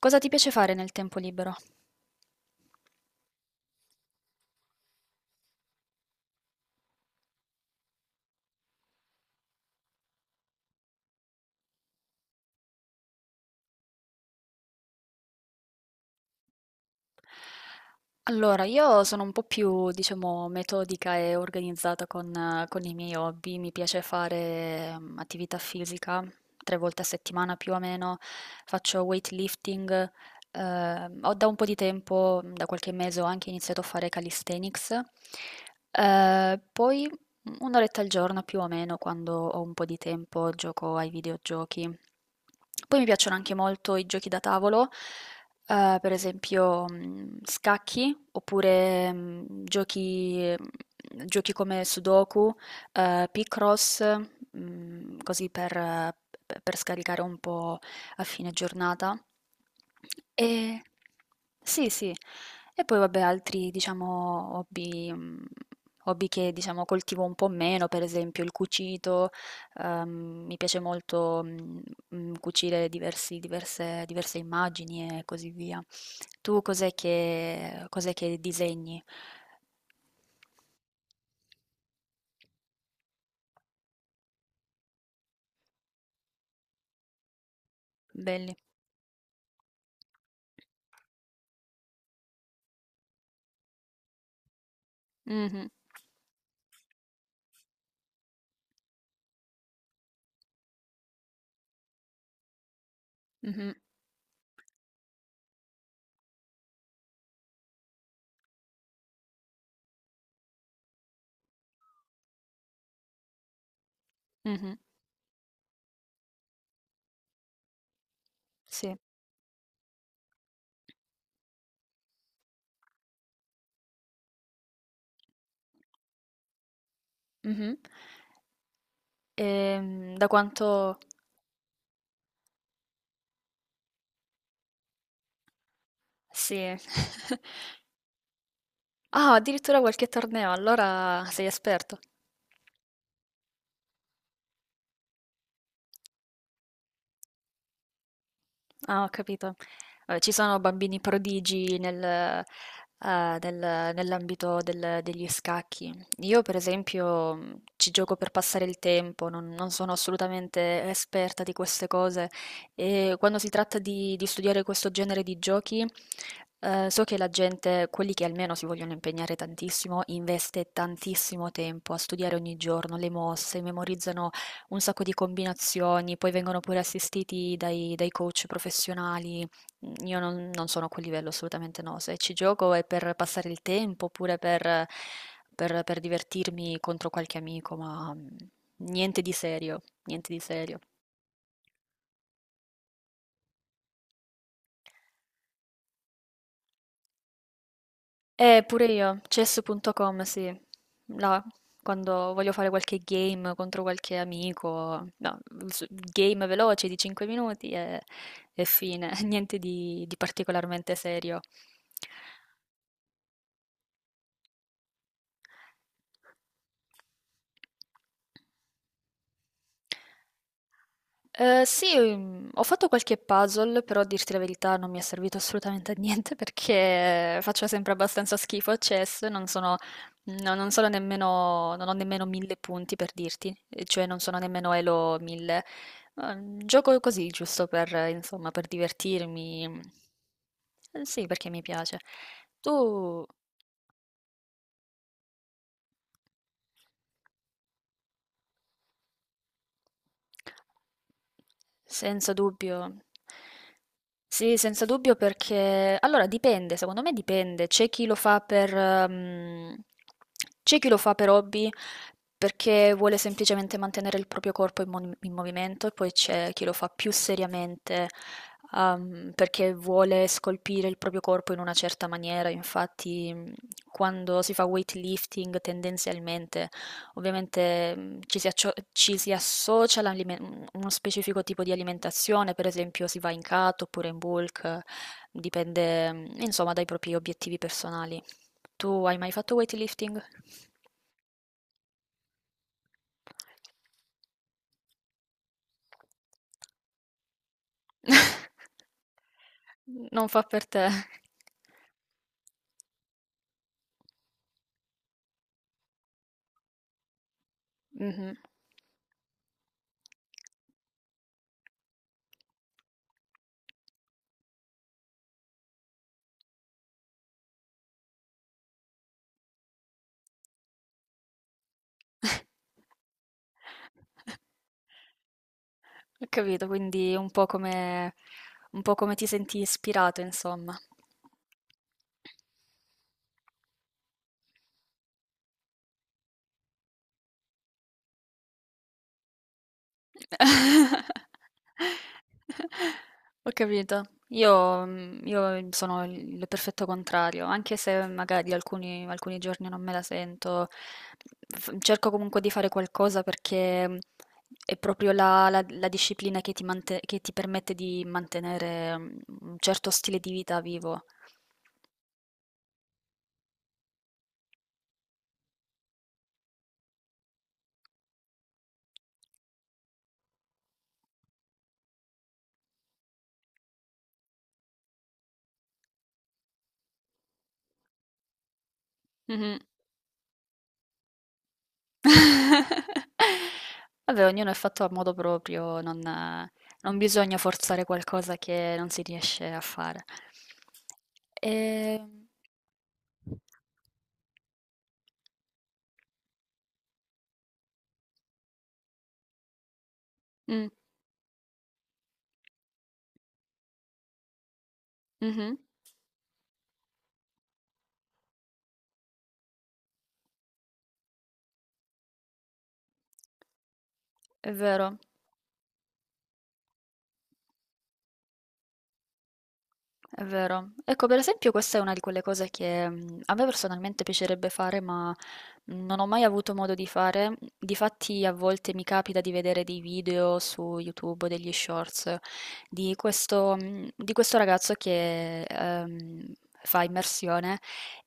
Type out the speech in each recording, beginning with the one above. Cosa ti piace fare nel tempo libero? Allora, io sono un po' più, diciamo, metodica e organizzata con i miei hobby. Mi piace fare attività fisica 3 volte a settimana più o meno. Faccio weightlifting. Ho da un po' di tempo, da qualche mese, ho anche iniziato a fare calisthenics. Poi un'oretta al giorno più o meno, quando ho un po' di tempo, gioco ai videogiochi. Poi mi piacciono anche molto i giochi da tavolo. Per esempio, scacchi oppure giochi come Sudoku, Picross, così per scaricare un po' a fine giornata. E sì, sì. E poi vabbè, altri, diciamo, hobby, hobby che diciamo coltivo un po' meno, per esempio il cucito. Mi piace molto cucire diversi diverse diverse immagini e così via. Tu cos'è che disegni? Belli. Mh-mh. Mh-mh. Mh-mh. Sì. Mh-mh. Da quanto. Sì. Ah, addirittura qualche torneo, allora sei esperto. Ah, ho capito. Ci sono bambini prodigi nell'ambito degli scacchi. Io, per esempio, ci gioco per passare il tempo, non sono assolutamente esperta di queste cose, e quando si tratta di studiare questo genere di giochi, so che la gente, quelli che almeno si vogliono impegnare tantissimo, investe tantissimo tempo a studiare ogni giorno le mosse, memorizzano un sacco di combinazioni, poi vengono pure assistiti dai coach professionali. Io non sono a quel livello, assolutamente no. Se ci gioco è per passare il tempo, oppure per divertirmi contro qualche amico, ma niente di serio, niente di serio. Pure io, chess.com, sì. Là, quando voglio fare qualche game contro qualche amico, no, game veloce di 5 minuti e, fine, niente di particolarmente serio. Sì, ho fatto qualche puzzle, però a dirti la verità non mi è servito assolutamente a niente perché faccio sempre abbastanza schifo a chess, non sono, no, non sono nemmeno, non ho nemmeno 1000 punti, per dirti, e cioè non sono nemmeno elo 1000. Gioco così giusto per insomma, per divertirmi. Sì, perché mi piace. Tu. Senza dubbio. Sì, senza dubbio, perché allora dipende, secondo me dipende. C'è chi lo fa per hobby perché vuole semplicemente mantenere il proprio corpo in movimento, e poi c'è chi lo fa più seriamente, perché vuole scolpire il proprio corpo in una certa maniera. Infatti, quando si fa weightlifting tendenzialmente. Ovviamente, ci si associa a uno specifico tipo di alimentazione, per esempio si va in cut oppure in bulk. Dipende, insomma, dai propri obiettivi personali. Tu hai mai fatto weightlifting? Non fa per te. Mhm. Ho capito, quindi un po' come ti senti ispirato, insomma. Ho capito. Io sono il, perfetto contrario, anche se magari alcuni giorni non me la sento. Cerco comunque di fare qualcosa perché è proprio la, la disciplina che ti permette di mantenere un certo stile di vita vivo. Vabbè, ognuno è fatto a modo proprio, non bisogna forzare qualcosa che non si riesce a fare. E, Mm, mhm, è vero. È vero. Ecco, per esempio, questa è una di quelle cose che, a me personalmente piacerebbe fare, ma non ho mai avuto modo di fare. Difatti, a volte mi capita di vedere dei video su YouTube, degli shorts di questo ragazzo che fa immersione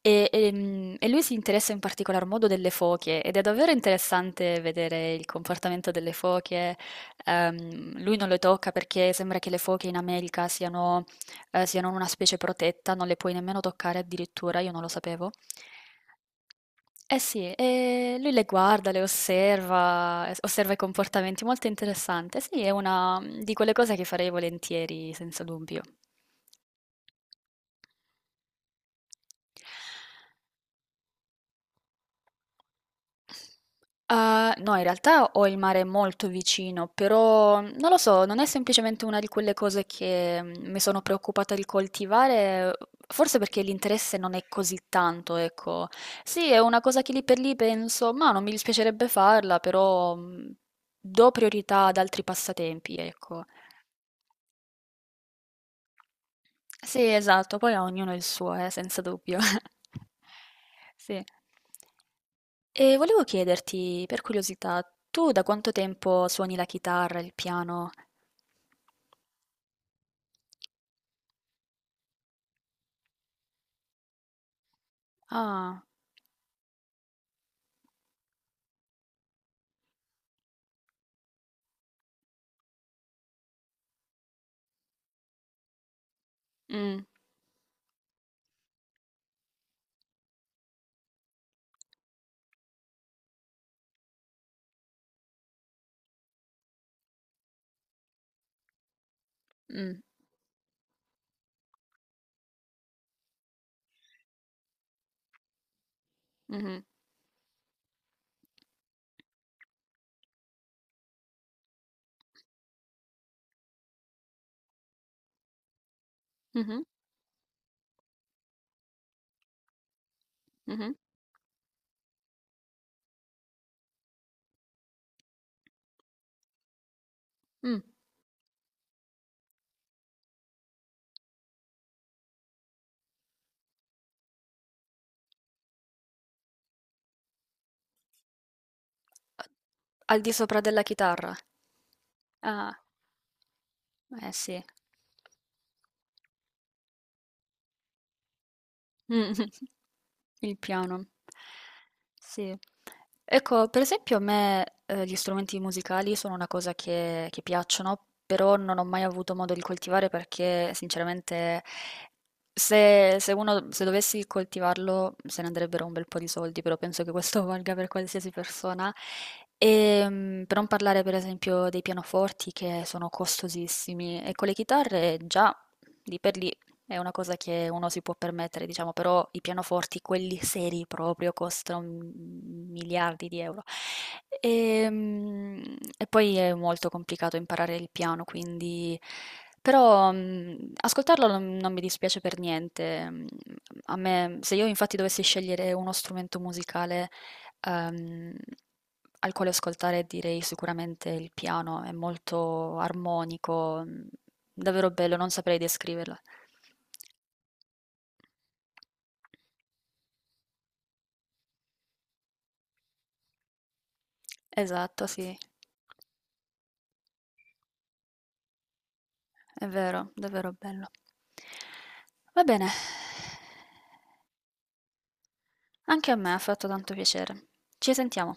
e lui si interessa in particolar modo delle foche, ed è davvero interessante vedere il comportamento delle foche. Lui non le tocca perché sembra che le foche in America siano, siano una specie protetta, non le puoi nemmeno toccare addirittura, io non lo sapevo. Eh sì, e lui le guarda, le osserva, osserva i comportamenti, molto interessante. Sì, è una, di quelle cose che farei volentieri, senza dubbio. Ah, no, in realtà ho il mare molto vicino, però non lo so, non è semplicemente una di quelle cose che mi sono preoccupata di coltivare, forse perché l'interesse non è così tanto, ecco. Sì, è una cosa che lì per lì penso, ma non mi dispiacerebbe farla, però do priorità ad altri passatempi, ecco. Sì, esatto, poi a ognuno il suo, senza dubbio. Sì. E volevo chiederti, per curiosità, tu da quanto tempo suoni la chitarra, il piano? Ah. Mm. Mm. Mhm. Mhm. Mhm. Mm. Al di sopra della chitarra? Ah, eh sì. Mh. Il piano. Sì. Ecco, per esempio a me, gli strumenti musicali sono una cosa che piacciono, però non ho mai avuto modo di coltivare, perché sinceramente se uno, se dovessi coltivarlo se ne andrebbero un bel po' di soldi, però penso che questo valga per qualsiasi persona. Per non parlare per esempio dei pianoforti, che sono costosissimi, e con le chitarre già di per lì è una cosa che uno si può permettere, diciamo, però i pianoforti, quelli seri proprio, costano miliardi di euro. Ehm, E poi è molto complicato imparare il piano, quindi. Però ascoltarlo non mi dispiace per niente. A me, se io infatti dovessi scegliere uno strumento musicale, ehm, al quale ascoltare, direi sicuramente il piano, è molto armonico, davvero bello, non saprei descriverlo. Esatto, sì, è vero, davvero bello. Va bene, anche a me ha fatto tanto piacere. Ci sentiamo.